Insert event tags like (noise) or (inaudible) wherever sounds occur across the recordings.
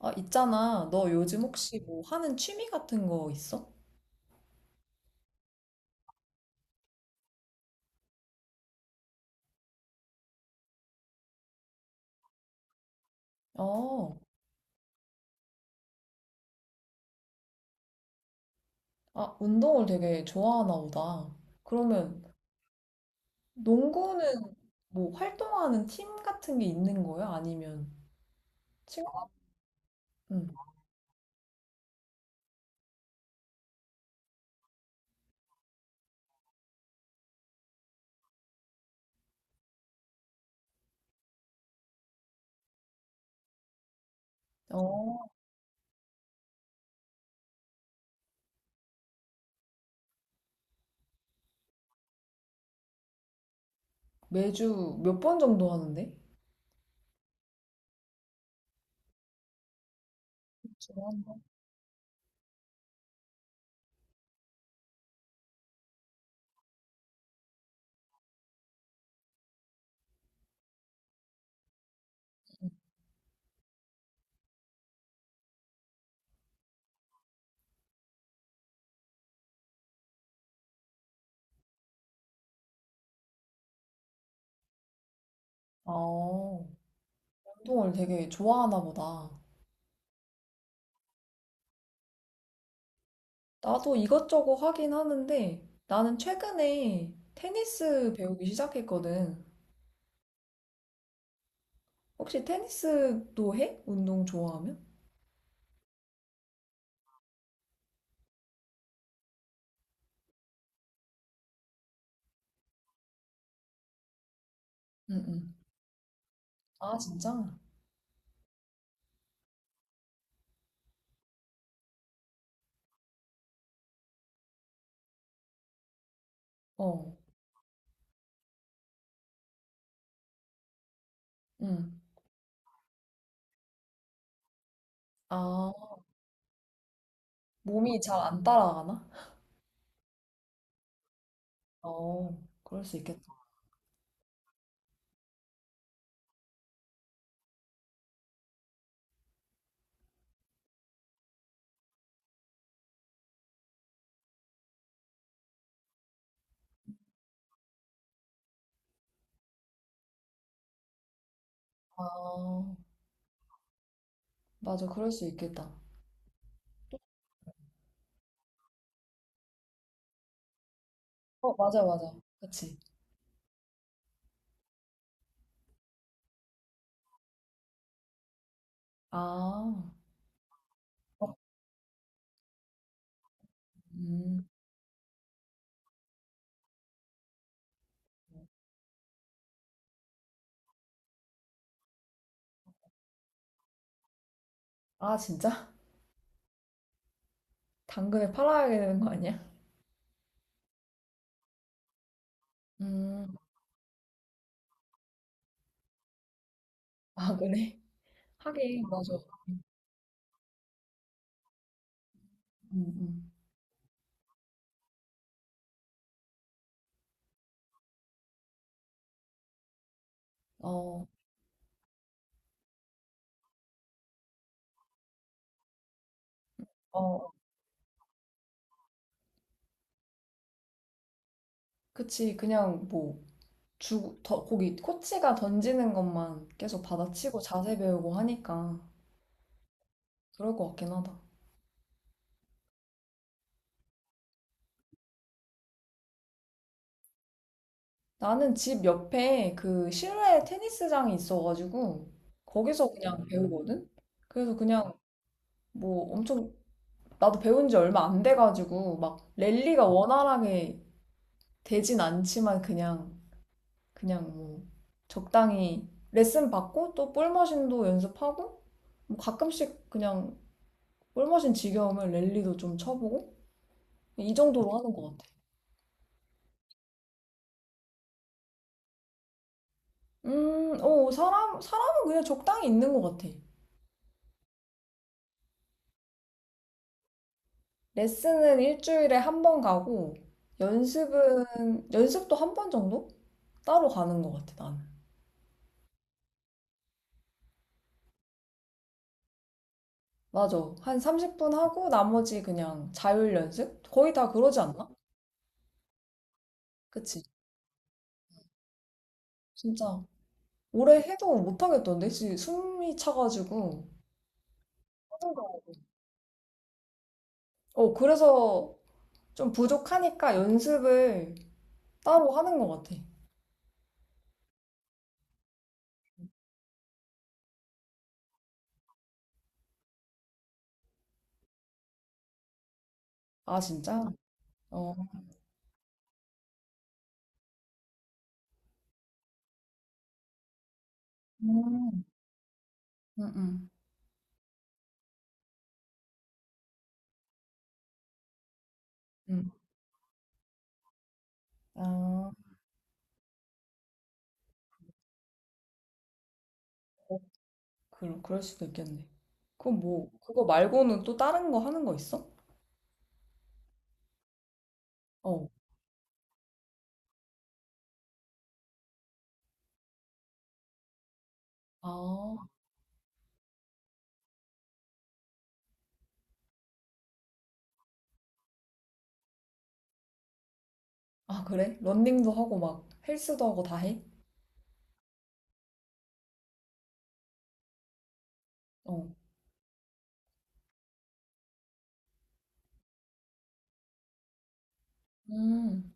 아, 있잖아. 너 요즘 혹시 뭐 하는 취미 같은 거 있어? 어, 아, 운동을 되게 좋아하나 보다. 그러면 농구는 뭐 활동하는 팀 같은 게 있는 거야? 아니면 친구? 응. 어, 매주 몇 번 정도 하는데? 주에 한 번. 어, 운동을 되게 좋아하나 보다. 나도 이것저것 하긴 하는데 나는 최근에 테니스 배우기 시작했거든. 혹시 테니스도 해? 운동 좋아하면? 응응. 아, 진짜? 어, 응. 아, 몸이 잘 안 따라가나? 어, 그럴 수 있겠다. 아, 맞아, 그럴 수 있겠다. 어, 맞아, 맞아. 그치. 아, 어, 음. 아, 진짜? 당근에 팔아야 되는 거 아니야? 음, 아, 그래? 하긴, 맞아. 음, 음. 어, 어, 그치. 그냥 뭐, 주, 더, 거기, 코치가 던지는 것만 계속 받아치고 자세 배우고 하니까 그럴 것 같긴 하다. 나는 집 옆에 그 실내 테니스장이 있어가지고 거기서 그냥 배우거든? 그래서 그냥 뭐 엄청 나도 배운 지 얼마 안 돼가지고 막 랠리가 원활하게 되진 않지만 그냥 그냥 뭐 적당히 레슨 받고 또 볼머신도 연습하고 뭐 가끔씩 그냥 볼머신 지겨우면 랠리도 좀 쳐보고 이 정도로 하는 것 같아. 오, 사람, 사람은 그냥 적당히 있는 것 같아. 레슨은 일주일에 한 번 가고, 연습은, 연습도 한 번 정도? 따로 가는 것 같아, 나는. 맞아. 한 30분 하고, 나머지 그냥 자율 연습? 거의 다 그러지 않나? 그치? 진짜. 오래 해도 못하겠던데? 숨이 차가지고. 하는 거. 어, 그래서 좀 부족하니까 연습을 따로 하는 것 같아. 아, 진짜? 어. 음, 음, 음. 음. 아. 그럴, 그럴 수도 있겠네. 그럼 뭐, 그거 말고는 또 다른 거 하는 거 있어? 어. 아, 아, 그래? 런닝도 하고 막 헬스도 하고 다 해? 어. 음.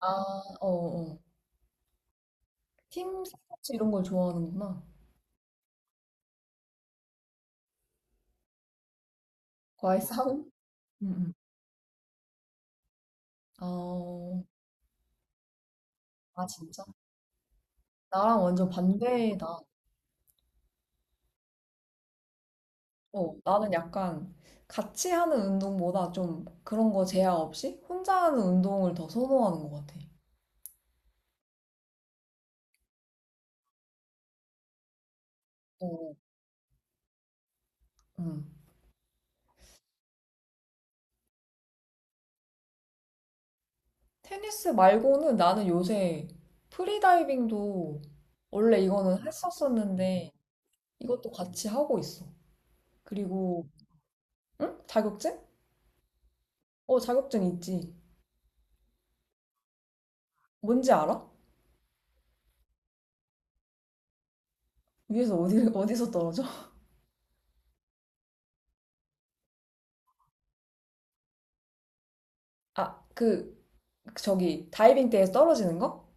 아, 어, 어. 팀 스포츠 이런 걸 좋아하는구나. 과외 싸움? 응, 응. 어, 아, 진짜? 나랑 완전 반대다. 어, 나는 약간 같이 하는 운동보다 좀 그런 거 제약 없이 혼자 하는 운동을 더 선호하는 것 같아. 어. 응. 테니스 말고는 나는 요새 프리다이빙도 원래 이거는 했었었는데 이것도 같이 하고 있어. 그리고 응? 자격증? 어, 자격증 있지. 뭔지 알아? 위에서 어디 어디서 떨어져? (laughs) 아, 그 저기 다이빙 때에 떨어지는 거?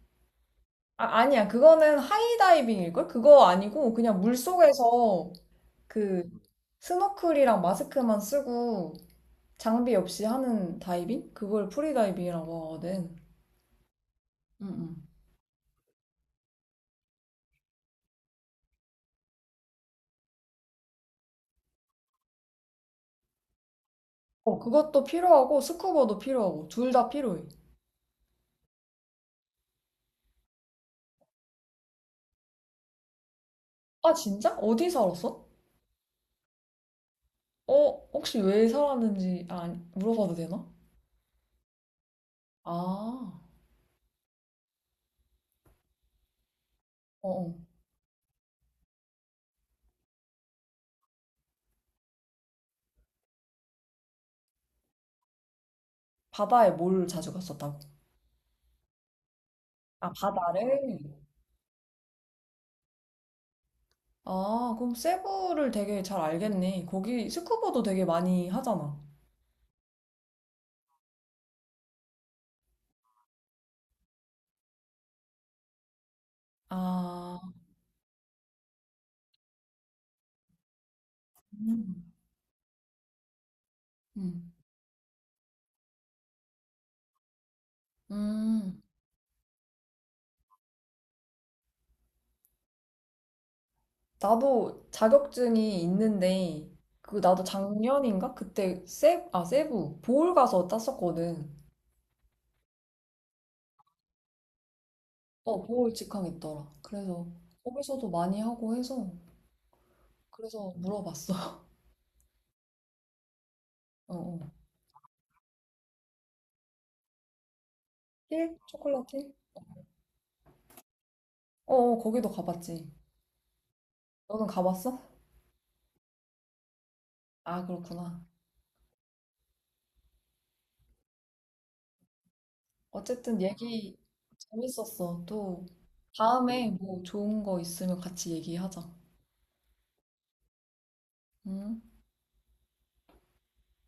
아, 아니야. 그거는 하이다이빙일 걸? 그거 아니고 그냥 물속에서 그 스노클이랑 마스크만 쓰고 장비 없이 하는 다이빙? 그걸 프리다이빙이라고 하거든. 응응. 어, 그것도 필요하고 스쿠버도 필요하고 둘 다 필요해. 아, 진짜? 어디 살았어? 어, 혹시 왜 살았는지 아, 물어봐도 되나? 아, 어, 어. 바다에 뭘 자주 갔었다고? 아, 바다를? 아, 그럼 세부를 되게 잘 알겠네. 거기 스쿠버도 되게 많이 하잖아. 아, 음, 음. 음. 나도 자격증이 있는데, 그, 나도 작년인가? 그때 세, 아, 세부, 보홀 가서 땄었거든. 어, 보호 직항 있더라. 그래서 거기서도 많이 하고 해서 그래서 물어봤어. (laughs) 어, 어. 힐? 초콜릿 힐? 어, 어, 거기도 가봤지. 너는 가봤어? 아, 그렇구나. 어쨌든 얘기 재밌었어. 또 다음에 뭐 좋은 거 있으면 같이 얘기하자. 응?